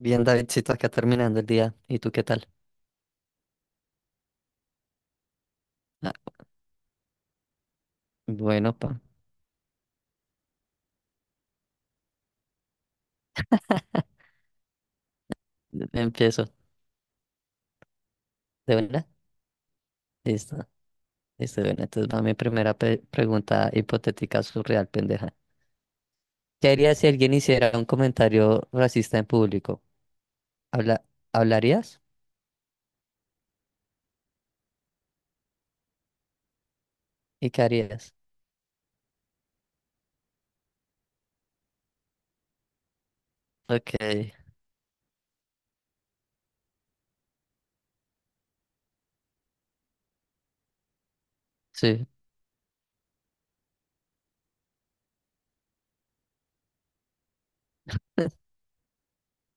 Bien, Davidcito, acá terminando el día. ¿Y tú qué tal? Ah, bueno, pa, empiezo. ¿De verdad? Listo, listo, de una. Entonces va mi primera pregunta hipotética surreal, pendeja. ¿Qué harías si alguien hiciera un comentario racista en público? ¿Habla ¿Hablarías? ¿Y qué harías? Ok, sí,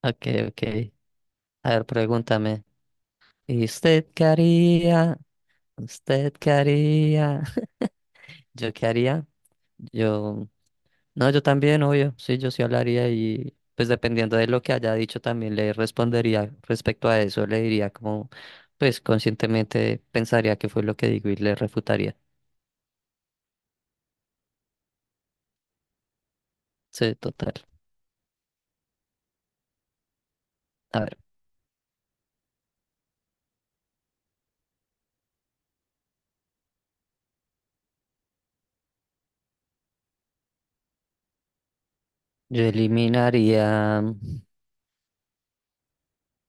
ok, ok. A ver, pregúntame. ¿Y usted qué haría? ¿Usted qué haría? ¿Yo qué haría? Yo... No, yo también, obvio, sí, yo sí hablaría y pues dependiendo de lo que haya dicho también le respondería respecto a eso, le diría como, pues conscientemente pensaría que fue lo que digo y le refutaría. Sí, total. A ver, yo eliminaría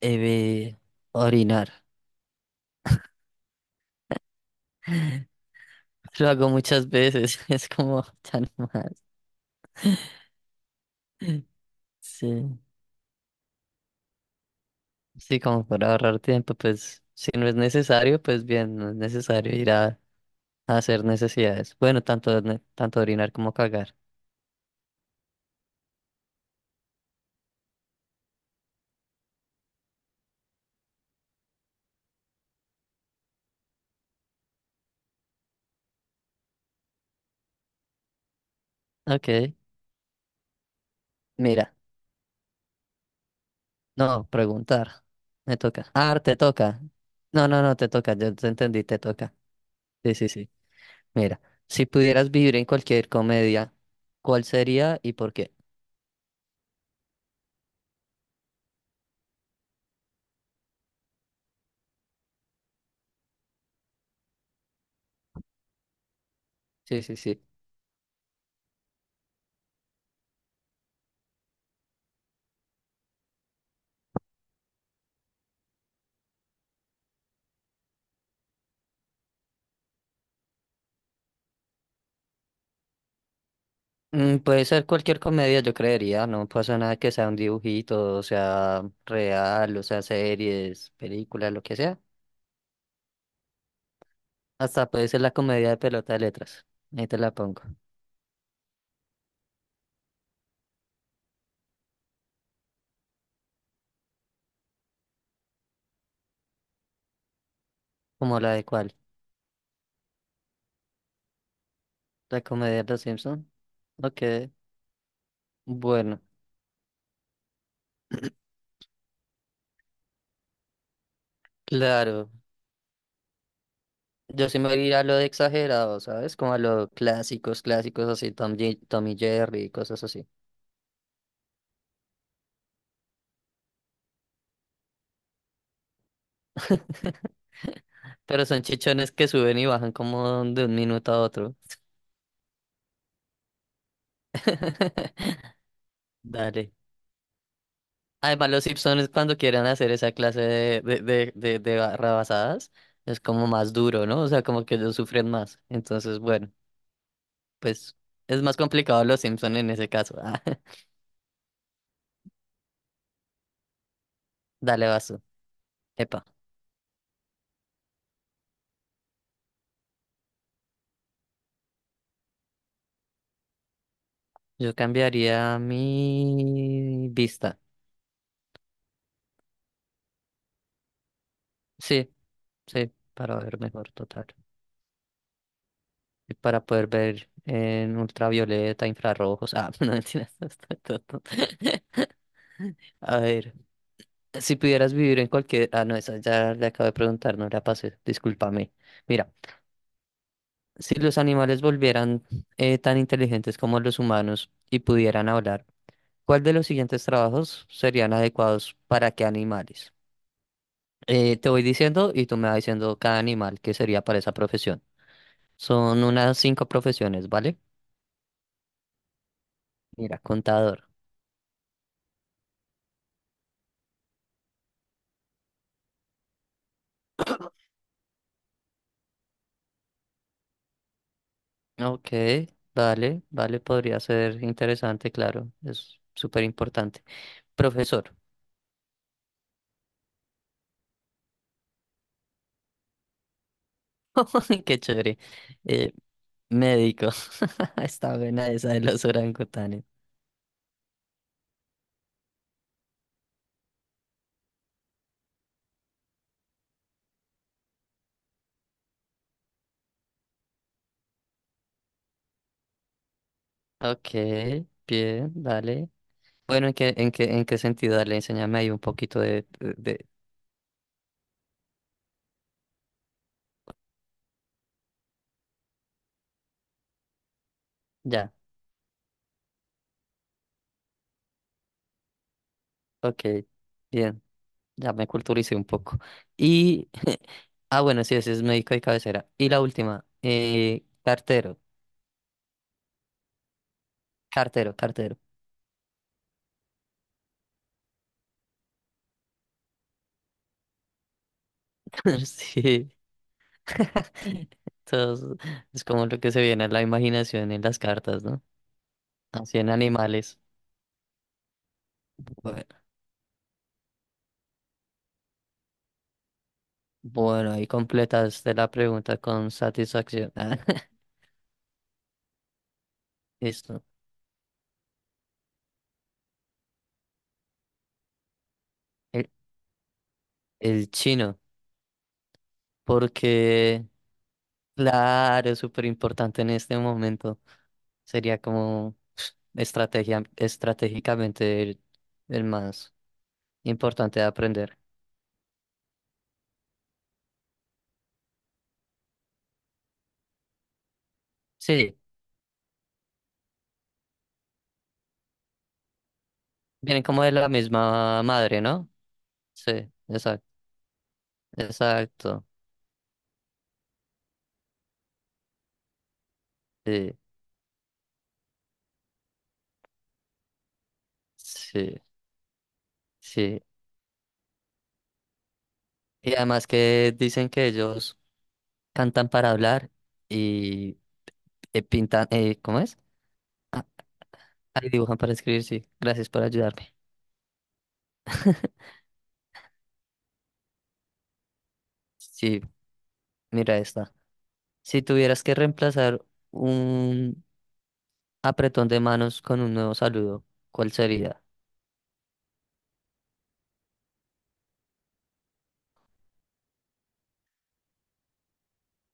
eh, orinar. Lo hago muchas veces, es como tan más. Sí, sí, como para ahorrar tiempo, pues si no es necesario, pues bien, no es necesario ir a hacer necesidades. Bueno, tanto, tanto orinar como cagar. Ok, mira. No, preguntar. Me toca. Ah, te toca. No, no, no, te toca. Yo te entendí, te toca. Sí, sí, sí. Mira, si pudieras vivir en cualquier comedia, ¿cuál sería y por qué? Sí, sí, sí. Mm, puede ser cualquier comedia, yo creería. No pasa nada que sea un dibujito, o sea real, o sea series, películas, lo que sea. Hasta puede ser la comedia de pelota de letras. Ahí te la pongo. ¿Como la de cuál? La comedia de los Simpson. Ok, bueno, claro. Yo sí me iría a lo de exagerado, ¿sabes? Como a lo clásicos, clásicos así, Tom, Tom y Jerry y cosas así. Pero son chichones que suben y bajan como de un minuto a otro. Dale. Además, los Simpsons cuando quieran hacer esa clase de barra es como más duro, ¿no? O sea, como que ellos sufren más. Entonces, bueno, pues es más complicado los Simpsons en ese caso. Dale, vaso. Epa. Yo cambiaría mi vista. Sí, sí, para ver mejor, total. Y para poder ver en ultravioleta, infrarrojos. Ah, no mentiras. está todo. A ver, si pudieras vivir en cualquier... Ah, no, esa ya le acabo de preguntar, no la pasé. Discúlpame. Mira, si los animales volvieran tan inteligentes como los humanos y pudieran hablar, ¿cuál de los siguientes trabajos serían adecuados para qué animales? Te voy diciendo y tú me vas diciendo cada animal que sería para esa profesión. Son unas cinco profesiones, ¿vale? Mira, contador. Ok, vale, vale, podría ser interesante, claro, es súper importante. Profesor, qué chévere. Eh, médico, está buena esa de los orangutanes. Ok, bien, vale. Bueno, ¿en qué, en qué, en qué sentido? Dale, enséñame ahí un poquito de. Ya, ok, bien. Ya me culturicé un poco. Y, ah, bueno, sí, ese es médico de cabecera. Y la última, cartero, cartero, cartero. Sí. Entonces, es como lo que se viene a la imaginación en las cartas, ¿no? Así en animales. Bueno, bueno, ahí completaste la pregunta con satisfacción. Listo. El, el chino, porque, claro, es súper importante en este momento. Sería como pf, estrategia, estratégicamente el más importante de aprender. Sí, vienen como de la misma madre, ¿no? Sí, exacto, exacto. Sí, sí, sí. Y además que dicen que ellos cantan para hablar y pintan, ¿cómo es? Ah, ahí dibujan para escribir, sí. Gracias por ayudarme. Sí, mira esta. Si tuvieras que reemplazar un apretón de manos con un nuevo saludo. ¿Cuál sería?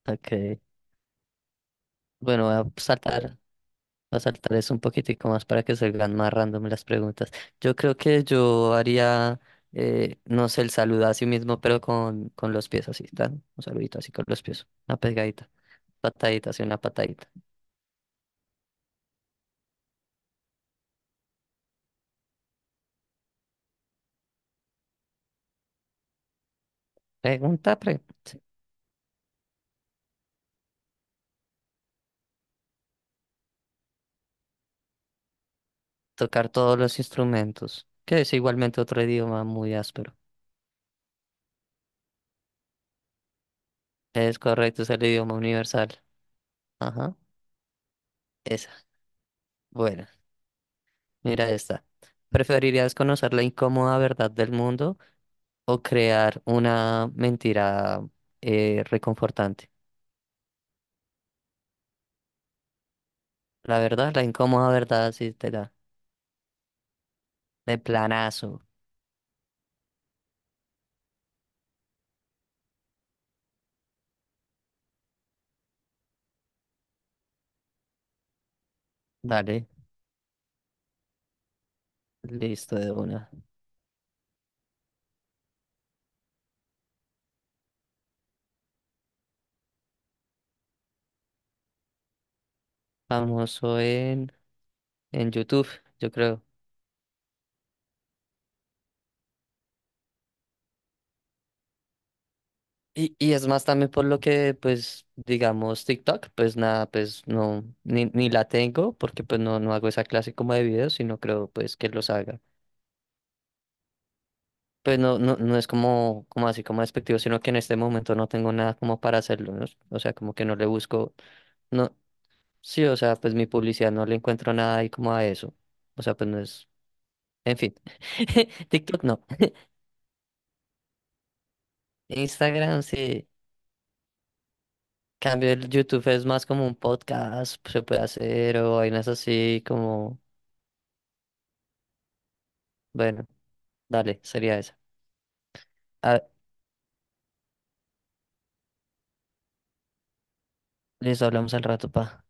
Ok. Bueno, voy a saltar eso un poquitico más para que salgan más random las preguntas. Yo creo que yo haría, no sé, el saludo a sí mismo, pero con los pies así, ¿tan? Un saludito así con los pies. Una pegadita. Patadita, así una patadita. Pregunta, pre. Sí. Tocar todos los instrumentos, que es igualmente otro idioma muy áspero. Es correcto, es el idioma universal. Ajá, esa. Bueno. Mira esta. ¿Preferirías conocer la incómoda verdad del mundo o crear una mentira reconfortante? La verdad, la incómoda verdad, sí te da. De planazo. Dale, listo de una. Famoso en YouTube, yo creo. Y es más también por lo que, pues, digamos, TikTok, pues nada, pues no, ni la tengo, porque pues no, no hago esa clase como de videos, sino creo pues que los haga. Pues no, no, no es como, como así como despectivo, sino que en este momento no tengo nada como para hacerlo, ¿no? O sea, como que no le busco, no, sí, o sea, pues mi publicidad no le encuentro nada ahí como a eso. O sea, pues no es, en fin. TikTok no. Instagram sí. Cambio el YouTube es más como un podcast, pues, se puede hacer, o vainas así como, bueno, dale, sería esa. Ah, listo, hablamos al rato, pa.